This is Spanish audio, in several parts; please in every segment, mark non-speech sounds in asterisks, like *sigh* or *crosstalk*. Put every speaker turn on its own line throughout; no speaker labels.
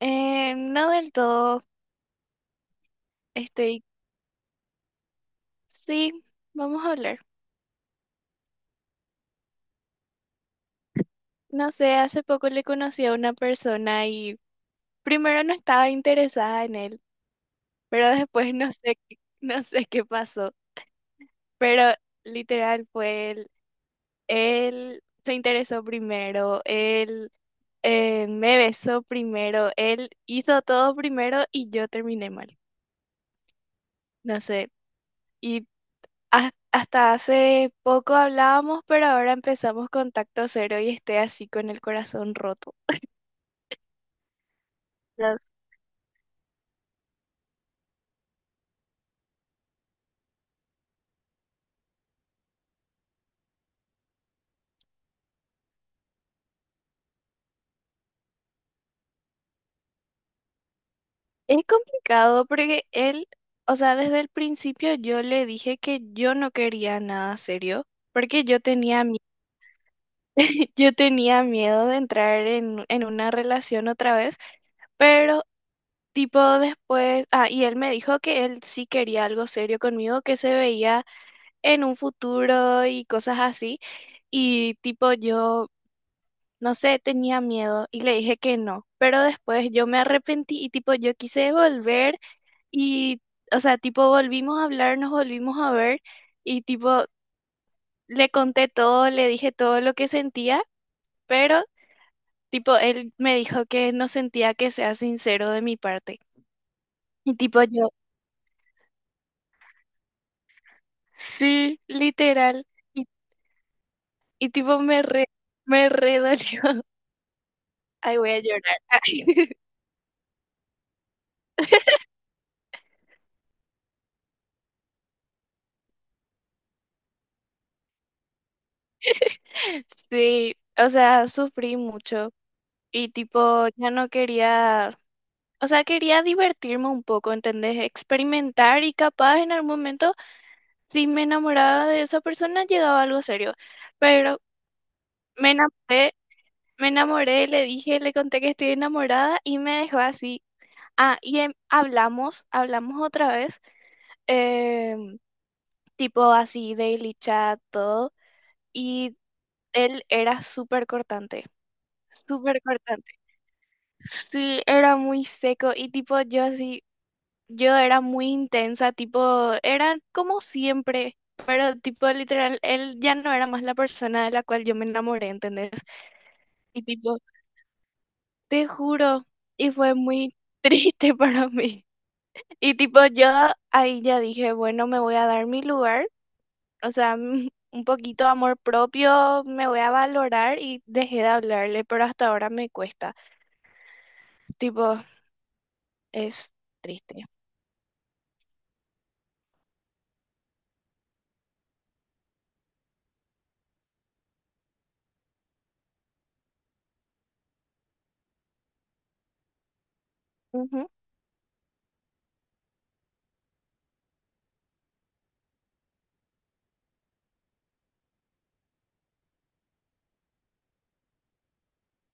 No del todo. Estoy. Sí, vamos a hablar. No sé, hace poco le conocí a una persona y primero no estaba interesada en él, pero después no sé, *laughs* no sé qué pasó. Pero literal fue él. Él se interesó primero, él me besó primero, él hizo todo primero y yo terminé mal. No sé. Y Hasta hace poco hablábamos, pero ahora empezamos contacto cero y estoy así con el corazón roto. Las- Es complicado porque él, o sea, desde el principio yo le dije que yo no quería nada serio, porque yo tenía, *laughs* yo tenía miedo de entrar en una relación otra vez, pero tipo después, ah, y él me dijo que él sí quería algo serio conmigo, que se veía en un futuro y cosas así. Y tipo yo no sé, tenía miedo y le dije que no, pero después yo me arrepentí y tipo yo quise volver y, o sea, tipo volvimos a hablar, nos volvimos a ver y tipo le conté todo, le dije todo lo que sentía, pero tipo él me dijo que no sentía que sea sincero de mi parte. Y tipo yo, sí, literal. Y, y tipo me re dolió. *laughs* Ay, voy a llorar. *laughs* Sí, o sea, sufrí mucho. Y tipo, ya no quería, o sea, quería divertirme un poco, ¿entendés? Experimentar y capaz en algún momento, si me enamoraba de esa persona, llegaba algo serio. Pero me enamoré, me enamoré, le dije, le conté que estoy enamorada y me dejó así. Ah, y hablamos, hablamos otra vez, em, tipo así, daily chat, todo. Y él era súper cortante, súper cortante. Sí, era muy seco y tipo yo así. Yo era muy intensa, tipo, era como siempre, pero tipo literal, él ya no era más la persona de la cual yo me enamoré, ¿entendés? Y tipo, te juro, y fue muy *laughs* triste para mí. Y tipo, yo ahí ya dije, bueno, me voy a dar mi lugar, o sea, un poquito de amor propio, me voy a valorar y dejé de hablarle, pero hasta ahora me cuesta. Tipo, es triste. Ujú,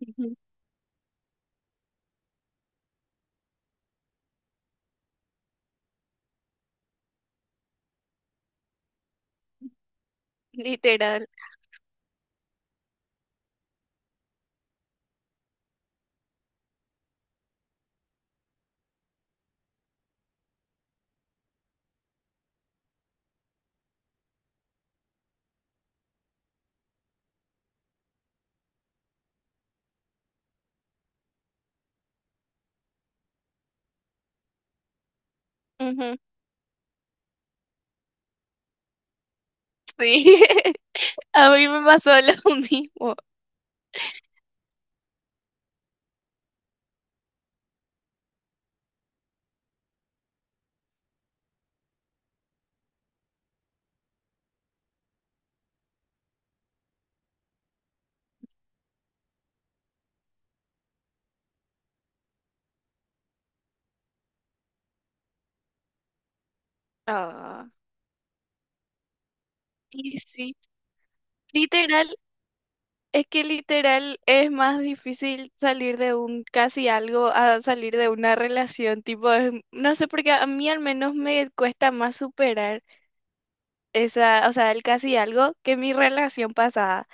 ujú, literal. Ujú, sí. *laughs* A mí me pasó lo *laughs* mismo. Ah, y sí, literal, es que literal es más difícil salir de un casi algo a salir de una relación, tipo, no sé, porque a mí al menos me cuesta más superar esa, o sea, el casi algo que mi relación pasada.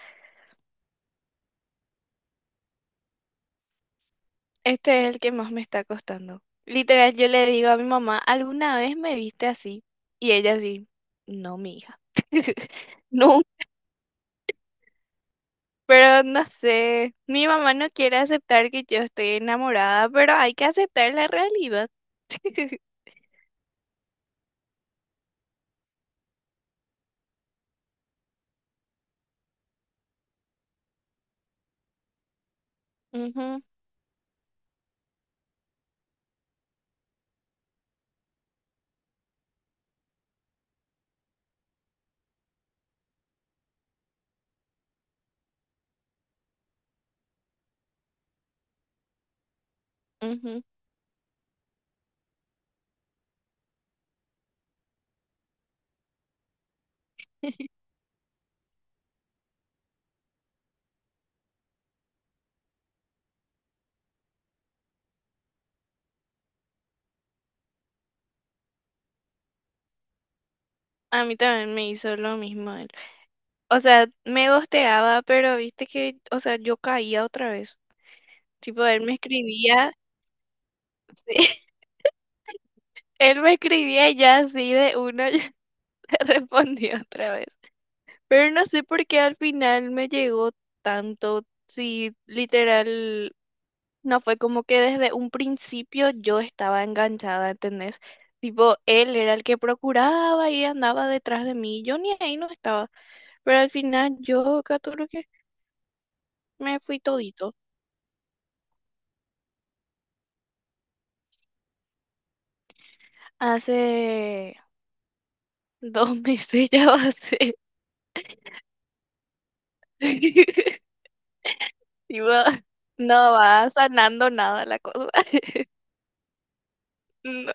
Este es el que más me está costando. Literal, yo le digo a mi mamá, ¿alguna vez me viste así? Y ella así, no, mi hija. *laughs* Nunca. Pero no sé, mi mamá no quiere aceptar que yo estoy enamorada, pero hay que aceptar la realidad. *laughs* Ujú, ujú. A mí también me hizo lo mismo él. O sea, me gosteaba, pero viste que, o sea, yo caía otra vez. Tipo, él me escribía, *laughs* sí, él me escribía y ya así de uno, *laughs* ya le respondí otra vez. Pero no sé por qué al final me llegó tanto, sí, literal. No fue como que desde un principio yo estaba enganchada, ¿entendés? Tipo, él era el que procuraba y andaba detrás de mí. Yo ni ahí no estaba. Pero al final yo, Caturo, que me fui todito. Hace 2 *laughs* meses ya va a ser. *laughs* Tipo, no va sanando nada la cosa. *laughs* No.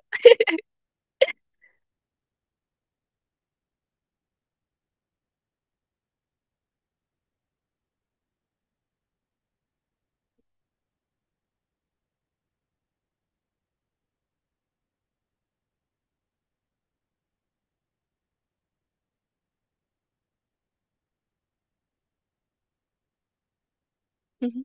Ujú.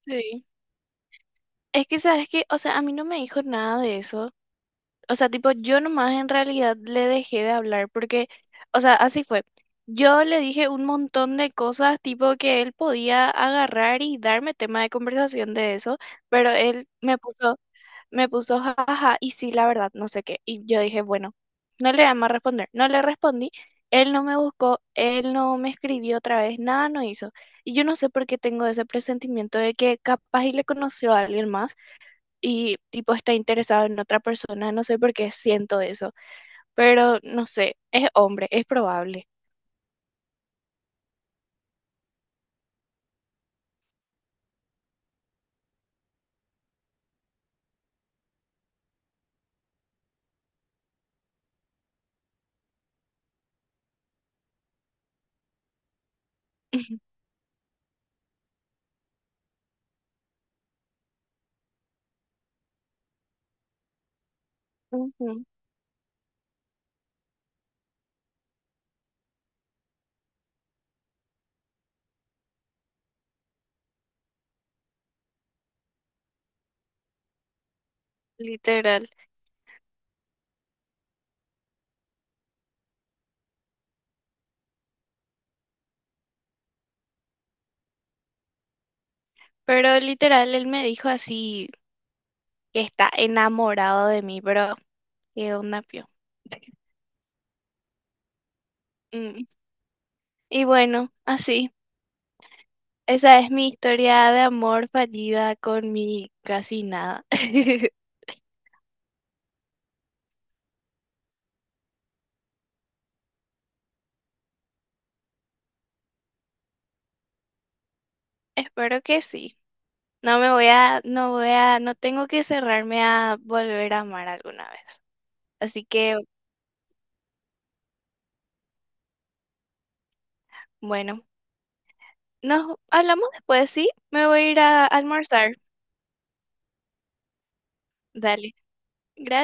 Sí. Es que, ¿sabes que, o sea, a mí no me dijo nada de eso. O sea, tipo, yo nomás en realidad le dejé de hablar porque, o sea, así fue. Yo le dije un montón de cosas, tipo, que él podía agarrar y darme tema de conversación de eso, pero me puso jaja, y sí, la verdad, no sé qué. Y yo dije, bueno, no le voy a más responder. No le respondí, él no me buscó, él no me escribió otra vez, nada no hizo. Y yo no sé por qué tengo ese presentimiento de que capaz y le conoció a alguien más y tipo está interesado en otra persona, no sé por qué siento eso, pero no sé, es hombre, es probable. *laughs* Ujú, literal. Pero literal, él me dijo así que está enamorado de mí, pero qué onda, pio. *laughs* Mm, y bueno, así, esa es mi historia de amor fallida con mi casi nada. *laughs* Espero que sí. No me voy a, no voy a, No tengo que cerrarme a volver a amar alguna vez. Así que, bueno. Nos hablamos después, ¿sí? Me voy a ir a almorzar. Dale. Gracias.